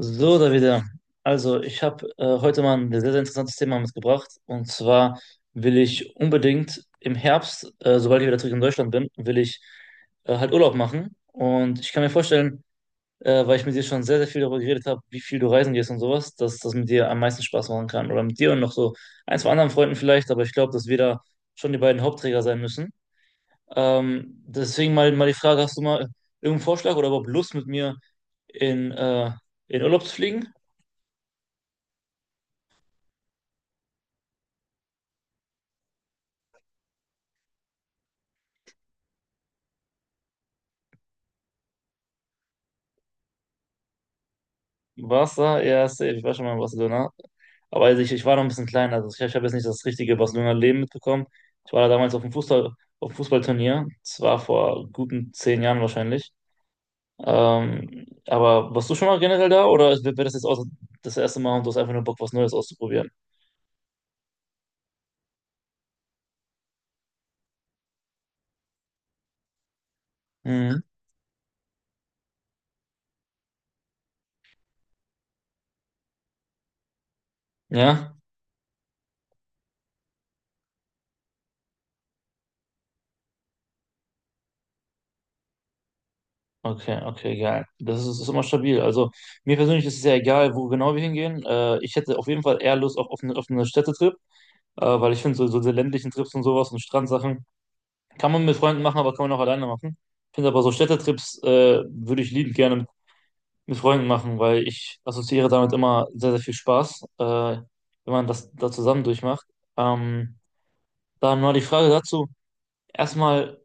So, Davide. Also, ich habe heute mal ein sehr, sehr interessantes Thema mitgebracht. Und zwar will ich unbedingt im Herbst, sobald ich wieder zurück in Deutschland bin, will ich halt Urlaub machen. Und ich kann mir vorstellen, weil ich mit dir schon sehr, sehr viel darüber geredet habe, wie viel du reisen gehst und sowas, dass das mit dir am meisten Spaß machen kann. Oder mit dir und noch so ein, zwei anderen Freunden vielleicht. Aber ich glaube, dass wir da schon die beiden Hauptträger sein müssen. Deswegen mal die Frage, hast du mal irgendeinen Vorschlag oder überhaupt Lust mit mir in, äh, in Urlaub zu fliegen? Barca, ja, safe. Ich war schon mal in Barcelona. Aber also ich war noch ein bisschen klein. Also ich habe jetzt nicht das richtige Barcelona-Leben mitbekommen. Ich war da damals auf dem Fußballturnier. Das war vor guten 10 Jahren wahrscheinlich. Aber warst du schon mal generell da oder wäre das jetzt auch das erste Mal und du hast einfach nur Bock, was Neues auszuprobieren? Mhm. Ja? Okay, okay, geil. Das ist immer stabil. Also mir persönlich ist es ja egal, wo genau wir hingehen. Ich hätte auf jeden Fall eher Lust auf einen Städtetrip, weil ich finde so, so diese ländlichen Trips und sowas und Strandsachen. Kann man mit Freunden machen, aber kann man auch alleine machen. Ich finde aber so Städtetrips würde ich liebend gerne mit Freunden machen, weil ich assoziiere damit immer sehr, sehr viel Spaß, wenn man das da zusammen durchmacht. Ähm, dann mal die Frage dazu. Erstmal,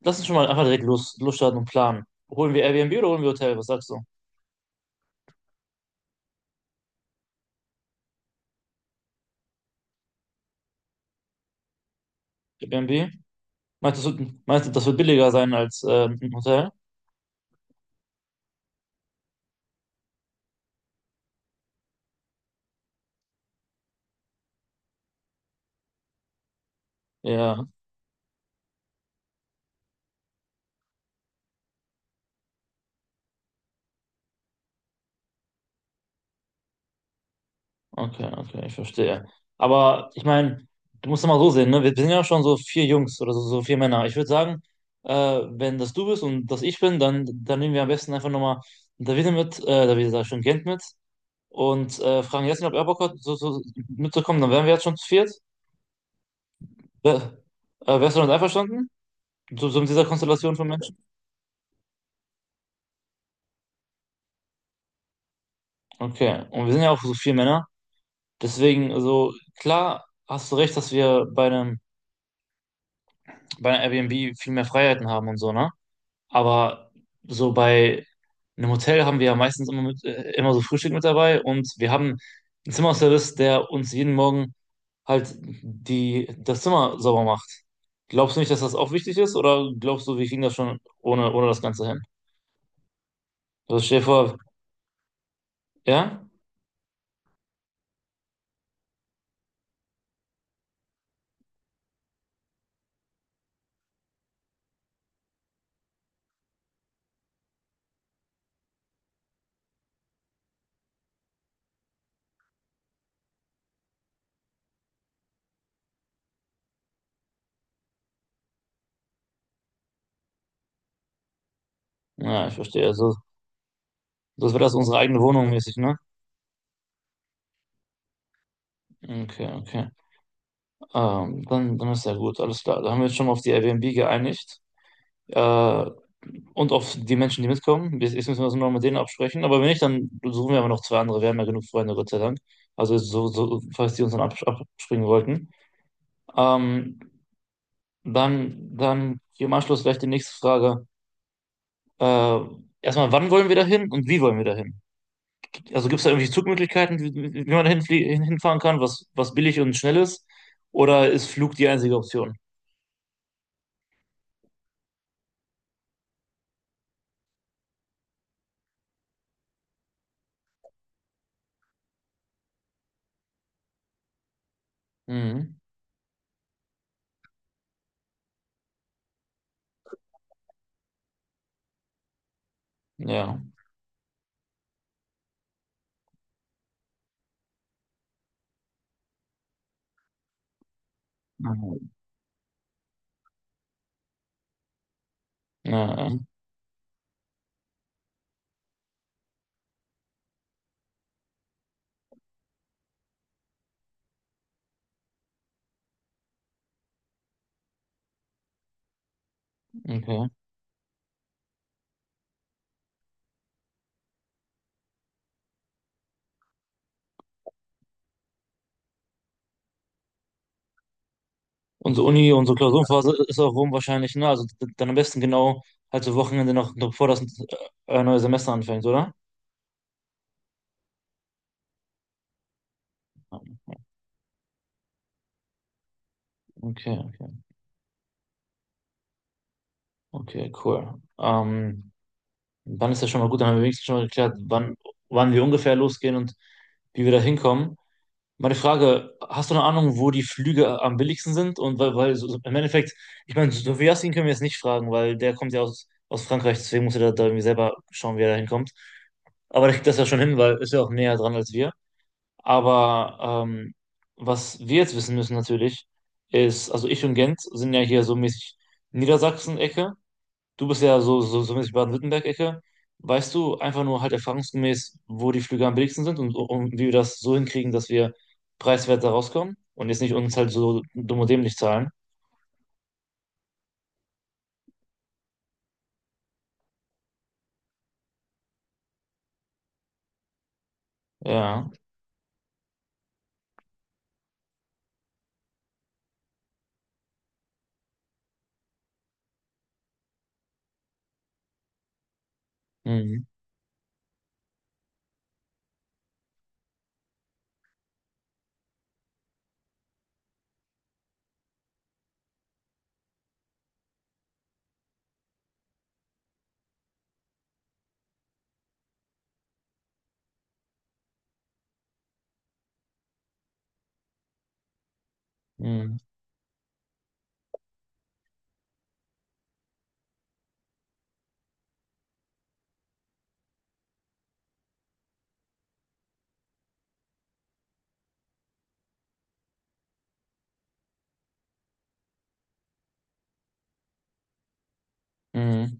lass uns schon mal einfach direkt losstarten und planen. Holen wir Airbnb oder holen wir Hotel? Was sagst du? Airbnb? Meinst du, das wird billiger sein als ein Hotel? Ja. Okay, okay, ich verstehe. Aber ich meine, du musst es mal so sehen, ne? Wir sind ja schon so vier Jungs oder so, so vier Männer. Ich würde sagen, äh, wenn das du bist und das ich bin, dann nehmen wir am besten einfach nochmal Davide mit, Davide sag ich schon, Gent mit und fragen Yasin, ob er Bock hat, so, so mitzukommen. Dann wären wir jetzt schon zu viert. Wär, wärst du damit einverstanden? So, so mit dieser Konstellation von Menschen? Okay, und wir sind ja auch so vier Männer. Deswegen, also klar hast du recht, dass wir bei einer Airbnb viel mehr Freiheiten haben und so, ne? Aber so bei einem Hotel haben wir ja meistens immer, immer so Frühstück mit dabei und wir haben einen Zimmerservice, der uns jeden Morgen halt das Zimmer sauber macht. Glaubst du nicht, dass das auch wichtig ist oder glaubst du, wir kriegen das schon ohne das Ganze hin? Also stell dir vor, ja? Ja, ich verstehe. Also, das wäre das unsere eigene Wohnung mäßig, ne? Okay, okay. Dann ist ja gut, alles klar. Da haben wir uns schon mal auf die Airbnb geeinigt. Äh, und auf die Menschen, die mitkommen. Jetzt müssen wir uns noch mit denen absprechen. Aber wenn nicht, dann suchen wir aber noch zwei andere. Wir haben ja genug Freunde, Gott sei Dank. Also so, so, falls die uns dann abspringen wollten. Ähm, dann hier im Anschluss gleich die nächste Frage. Äh, erstmal, wann wollen wir da hin und wie wollen wir da hin? Also gibt es da irgendwelche Zugmöglichkeiten, wie man da hinfahren kann, was billig und schnell ist? Oder ist Flug die einzige Option? Mhm. Ja. Ah. Ja, okay. Unsere Uni, unsere Klausurenphase ist auch rum wahrscheinlich, ne? Also dann am besten genau halt so Wochenende noch, noch bevor das neue Semester anfängt, oder? Okay, okay. Okay, cool. Dann ist ja schon mal gut, dann haben wir wenigstens schon mal geklärt, wann, wann wir ungefähr losgehen und wie wir da hinkommen. Meine Frage, hast du eine Ahnung, wo die Flüge am billigsten sind? Und weil so, so im Endeffekt, ich meine, Sofiassin können wir jetzt nicht fragen, weil der kommt ja aus Frankreich, deswegen muss er da irgendwie selber schauen, wie er da hinkommt. Aber der kriegt das ja schon hin, weil ist ja auch näher dran als wir. Aber was wir jetzt wissen müssen natürlich, ist, also ich und Gent sind ja hier so mäßig Niedersachsen-Ecke. Du bist ja so mäßig Baden-Württemberg-Ecke. Weißt du einfach nur halt erfahrungsgemäß, wo die Flüge am billigsten sind und wie wir das so hinkriegen, dass wir preiswert da rauskommen und jetzt nicht uns halt so dumm und dämlich zahlen? Ja. Mhm. Mhm. Mhm.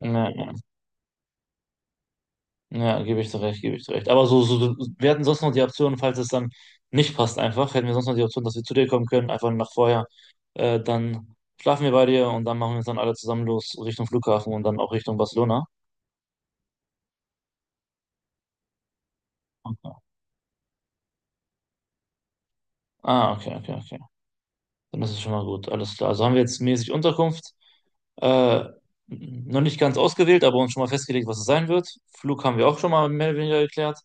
Ja. Ja, gebe ich dir recht, gebe ich dir recht. Aber so, so, wir hatten sonst noch die Option, falls es dann nicht passt, einfach, hätten wir sonst noch die Option, dass wir zu dir kommen können, einfach nach vorher. Dann schlafen wir bei dir und dann machen wir uns dann alle zusammen los Richtung Flughafen und dann auch Richtung Barcelona. Okay. Ah, okay, okay, okay. Dann ist es schon mal gut, alles klar. Also haben wir jetzt mäßig Unterkunft. Äh, noch nicht ganz ausgewählt, aber uns schon mal festgelegt, was es sein wird. Flug haben wir auch schon mal mehr oder weniger geklärt.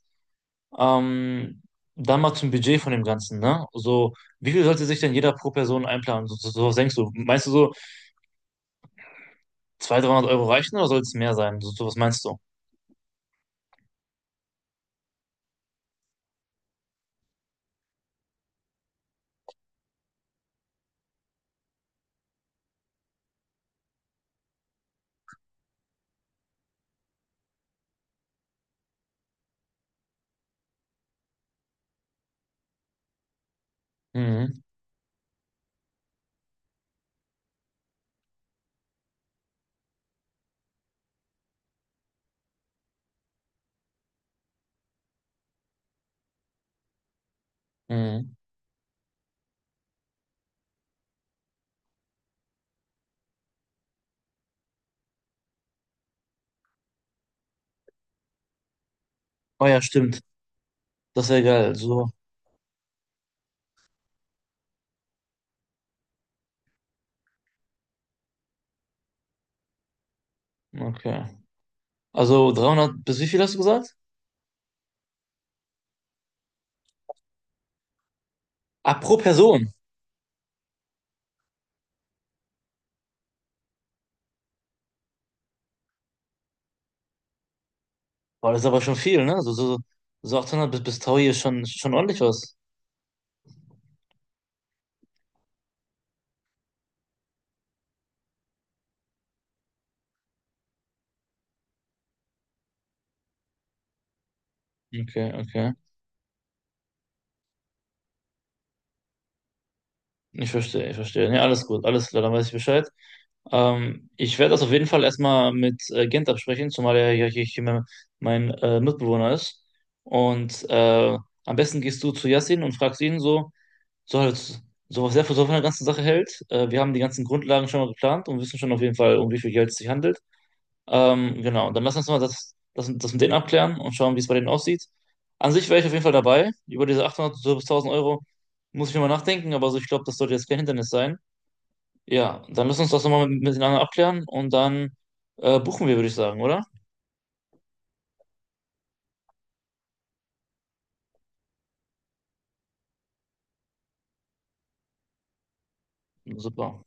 Ähm, dann mal zum Budget von dem Ganzen, ne? So, wie viel sollte sich denn jeder pro Person einplanen? So was denkst du? Meinst du so 200, 300 Euro reichen oder soll es mehr sein? So, so was meinst du? Mhm, mhm. Oh ja, stimmt. Das wäre geil. So, okay. Also 300 bis wie viel hast du gesagt? Ah, pro Person. Boah, das ist aber schon viel, ne? So, so, so 800 bis 1000 ist schon, schon ordentlich was. Okay, okay. Ich verstehe, ich verstehe. Nee, alles gut, alles klar, dann weiß ich Bescheid. Ich werde das auf jeden Fall erstmal mit Gent absprechen, zumal er ja hier, hier mein, mein Mitbewohner ist. Und am besten gehst du zu Yassin und fragst ihn so, so halt, so was er für so von der ganzen Sache hält. Wir haben die ganzen Grundlagen schon mal geplant und wissen schon auf jeden Fall, um wie viel Geld es sich handelt. Genau, dann lass uns mal das mit denen abklären und schauen, wie es bei denen aussieht. An sich wäre ich auf jeden Fall dabei. Über diese 800 bis 1000 Euro muss ich nochmal nachdenken, aber so, ich glaube, das sollte jetzt kein Hindernis sein. Ja, dann müssen wir uns das nochmal miteinander abklären und dann buchen wir, würde ich sagen, oder? Super.